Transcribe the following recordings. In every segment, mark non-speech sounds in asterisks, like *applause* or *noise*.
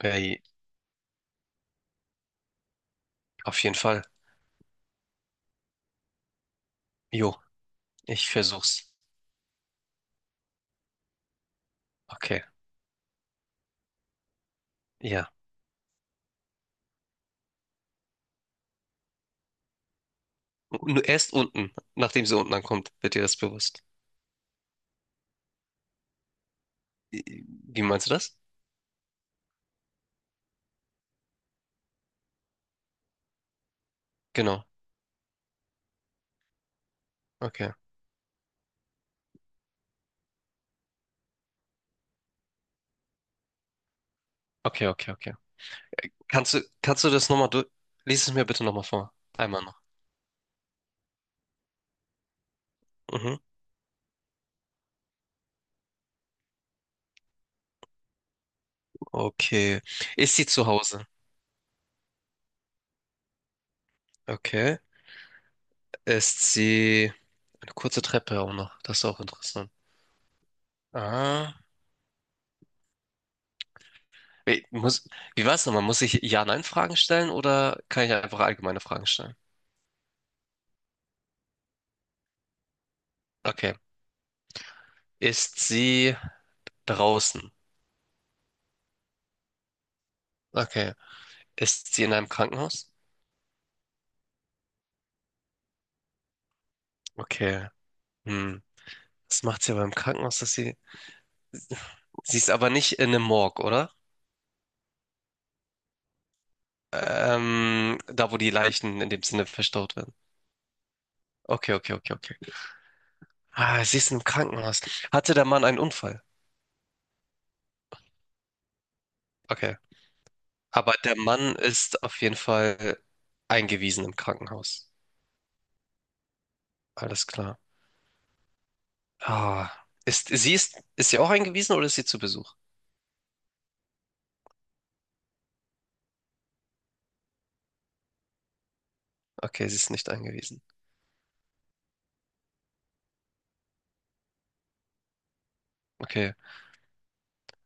Ey, auf jeden Fall. Jo, ich versuch's. Okay, ja. Nur erst unten, nachdem sie unten ankommt, wird dir das bewusst. I- Wie meinst du das? Genau. Okay. Okay, okay, okay. Kannst du das nochmal durch? Lies es mir bitte nochmal vor. Einmal noch. Mhm. Okay. Ist sie zu Hause? Okay. Ist sie eine kurze Treppe auch noch? Das ist auch interessant. Ah. Wie, muss, wie war's nochmal? Muss ich Ja-Nein-Fragen stellen oder kann ich einfach allgemeine Fragen stellen? Okay. Ist sie draußen. Okay. Ist sie in einem Krankenhaus? Okay. Hm. Was macht sie aber im Krankenhaus, dass sie. Sie ist aber nicht in einem Morg, oder? Da, wo die Leichen in dem Sinne verstaut werden. Okay, okay, okay, okay. Ah, sie ist im Krankenhaus. Hatte der Mann einen Unfall? Okay. Aber der Mann ist auf jeden Fall eingewiesen im Krankenhaus. Alles klar. Ah, ist sie auch eingewiesen oder ist sie zu Besuch? Okay, sie ist nicht eingewiesen. Okay.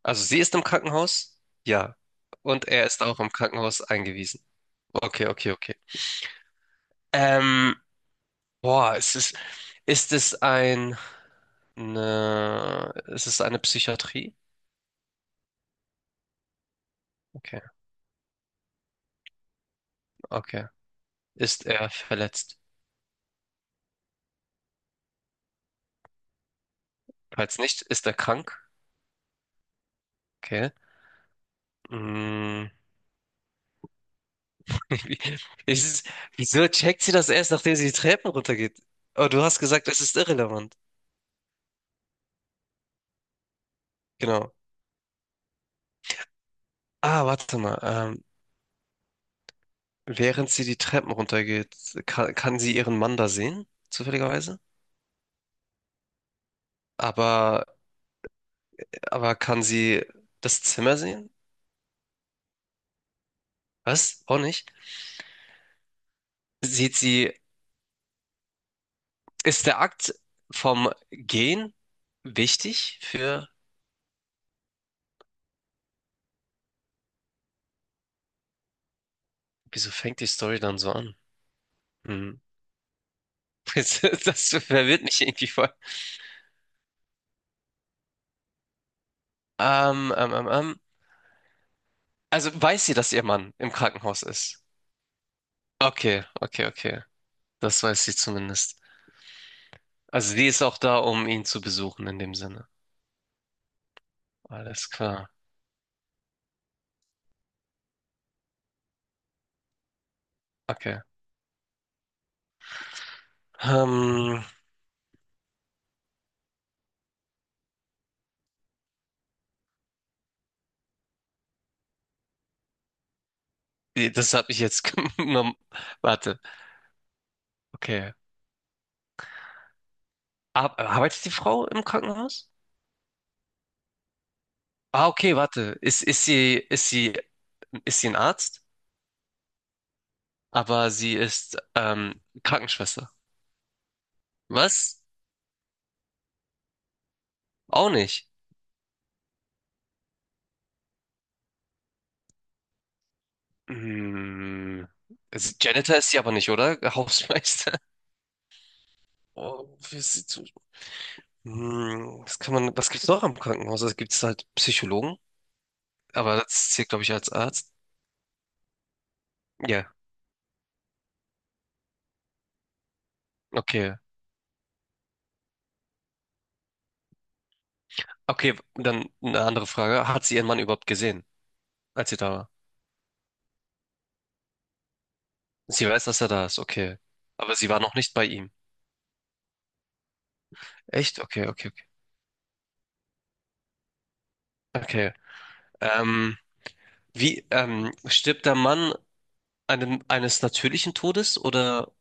Also sie ist im Krankenhaus? Ja. Und er ist auch im Krankenhaus eingewiesen. Okay, okay, okay. Ähm, boah, ist es ein, eine, ist es eine Psychiatrie? Okay, okay. Ist er verletzt? Falls nicht, ist er krank? Okay. Mm. *laughs* Es Ist Wieso checkt sie das erst, nachdem sie die Treppen runtergeht? Oh, du hast gesagt, es ist irrelevant. Genau. Ah, warte mal. Während sie die Treppen runtergeht, kann, kann sie ihren Mann da sehen, zufälligerweise? Aber, aber kann sie das Zimmer sehen? Was? Auch nicht? Sieht sie, ist der Akt vom Gehen wichtig für, wieso fängt die Story dann so an? Hm. *laughs* Das, das verwirrt mich irgendwie voll. Ähm, ähm, ähm, ähm. Also weiß sie, dass ihr Mann im Krankenhaus ist? Okay, okay, okay. Das weiß sie zumindest. Also die ist auch da, um ihn zu besuchen in dem Sinne. Alles klar. Okay. Ähm, das habe ich jetzt *laughs* genommen. Warte. Okay. Ar Arbeitet die Frau im Krankenhaus? Ah, okay, warte. Ist sie ein Arzt? Aber sie ist Krankenschwester. Was? Auch nicht. Hm. Also Janitor ist sie aber nicht, oder? Hausmeister. *laughs* Oh, wie ist sie zu... Hm, was gibt's noch am Krankenhaus? Also gibt es halt Psychologen, aber das zählt, glaube ich, als Arzt. Ja, okay. Okay, dann eine andere Frage. Hat sie ihren Mann überhaupt gesehen, als sie da war? Sie weiß, dass er da ist, okay. Aber sie war noch nicht bei ihm. Echt? Okay, okay, okay. Okay. Ähm, Stirbt der Mann einem, eines natürlichen Todes oder?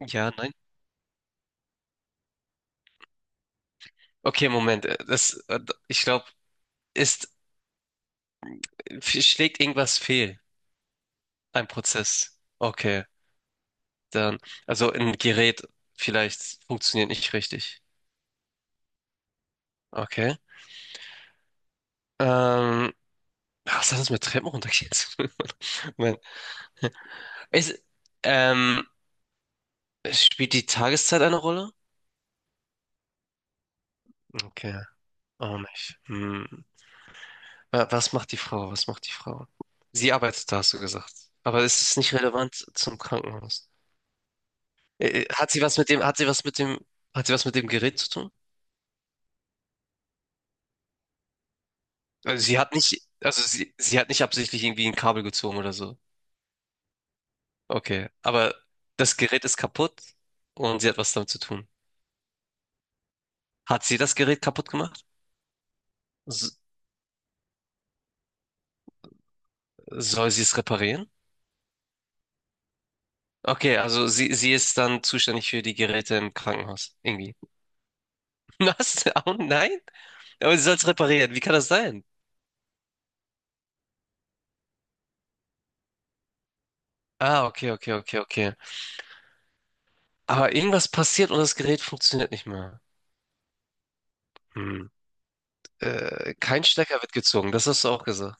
Ja, nein? Okay, Moment. Das, ich glaube, ist, schlägt irgendwas fehl. Ein Prozess. Okay. Dann, also ein Gerät vielleicht funktioniert nicht richtig. Okay. Ähm, Was hat das mit Treppen runtergeht? *laughs* Moment. Ist, ähm, spielt die Tageszeit eine Rolle? Okay, auch nicht. Hm. Was macht die Frau? Was macht die Frau? Sie arbeitet da, hast du gesagt. Aber es ist nicht relevant zum Krankenhaus. Hat sie was mit dem, hat sie was mit dem Gerät zu tun? Also sie hat nicht, also sie hat nicht absichtlich irgendwie ein Kabel gezogen oder so. Okay. Aber das Gerät ist kaputt und sie hat was damit zu tun. Hat sie das Gerät kaputt gemacht? S Soll sie es reparieren? Okay, also sie ist dann zuständig für die Geräte im Krankenhaus. Irgendwie. *laughs* Was? Oh nein? Aber sie soll es reparieren. Wie kann das sein? Ah, okay, okay, okay, okay. Aber irgendwas passiert und das Gerät funktioniert nicht mehr. Hm. Kein Stecker wird gezogen, das hast du auch gesagt.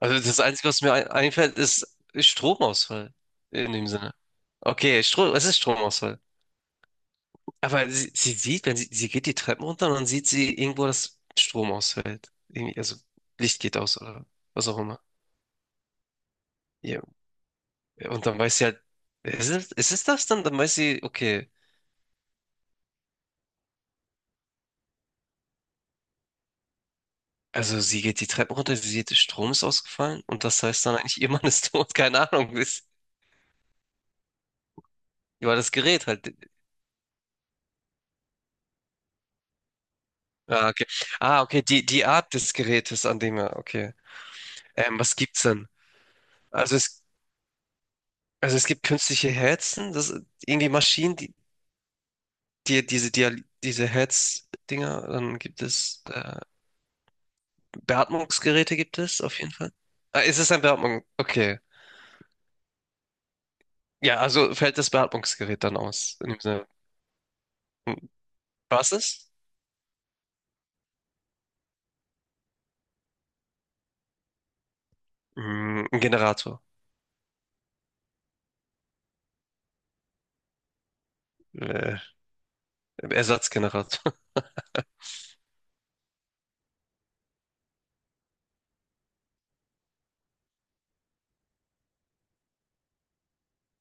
Also das Einzige, was mir ein einfällt, ist Stromausfall. In dem Sinne. Okay, Strom, es ist Stromausfall. Aber sie sieht, wenn sie, sie geht die Treppen runter und dann sieht sie irgendwo, dass Strom ausfällt. Irgendwie, also Licht geht aus oder was auch immer. Ja. Und dann weiß sie halt, ist es das dann? Dann weiß sie, okay, also sie geht die Treppen runter, sie sieht, der Strom ist ausgefallen und das heißt dann eigentlich, *laughs* ihr Mann ist tot, keine Ahnung, ist, war das Gerät halt. Ah, okay. Ah, okay, die, die Art des Gerätes, an dem er, okay. Was gibt's denn? Also es, also es gibt künstliche Herzen, das irgendwie Maschinen, die, die, diese Herz-Dinger, dann gibt es Beatmungsgeräte gibt es auf jeden Fall. Ah, ist es ein Beatmung? Okay. Ja, also fällt das Beatmungsgerät dann aus. In dem Sinne. Hm, was ist? Mm, ein Generator. Äh, Ersatzgenerator. *laughs*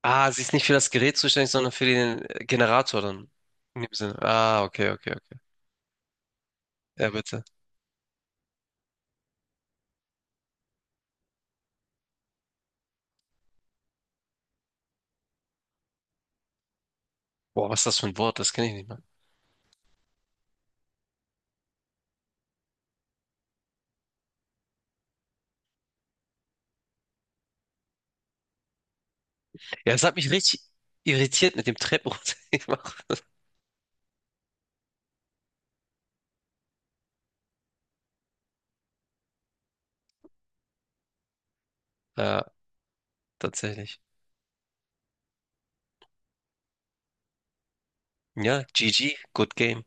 Ah, sie ist nicht für das Gerät zuständig, sondern für den Generator dann. In dem Sinne. Ah, okay, okay, okay. Ja, bitte. Boah, was ist das für ein Wort? Das kenne ich nicht mal. Ja, es hat mich richtig irritiert mit dem Treppe *laughs* runtergemacht. Ja, tatsächlich. Ja, GG, good game.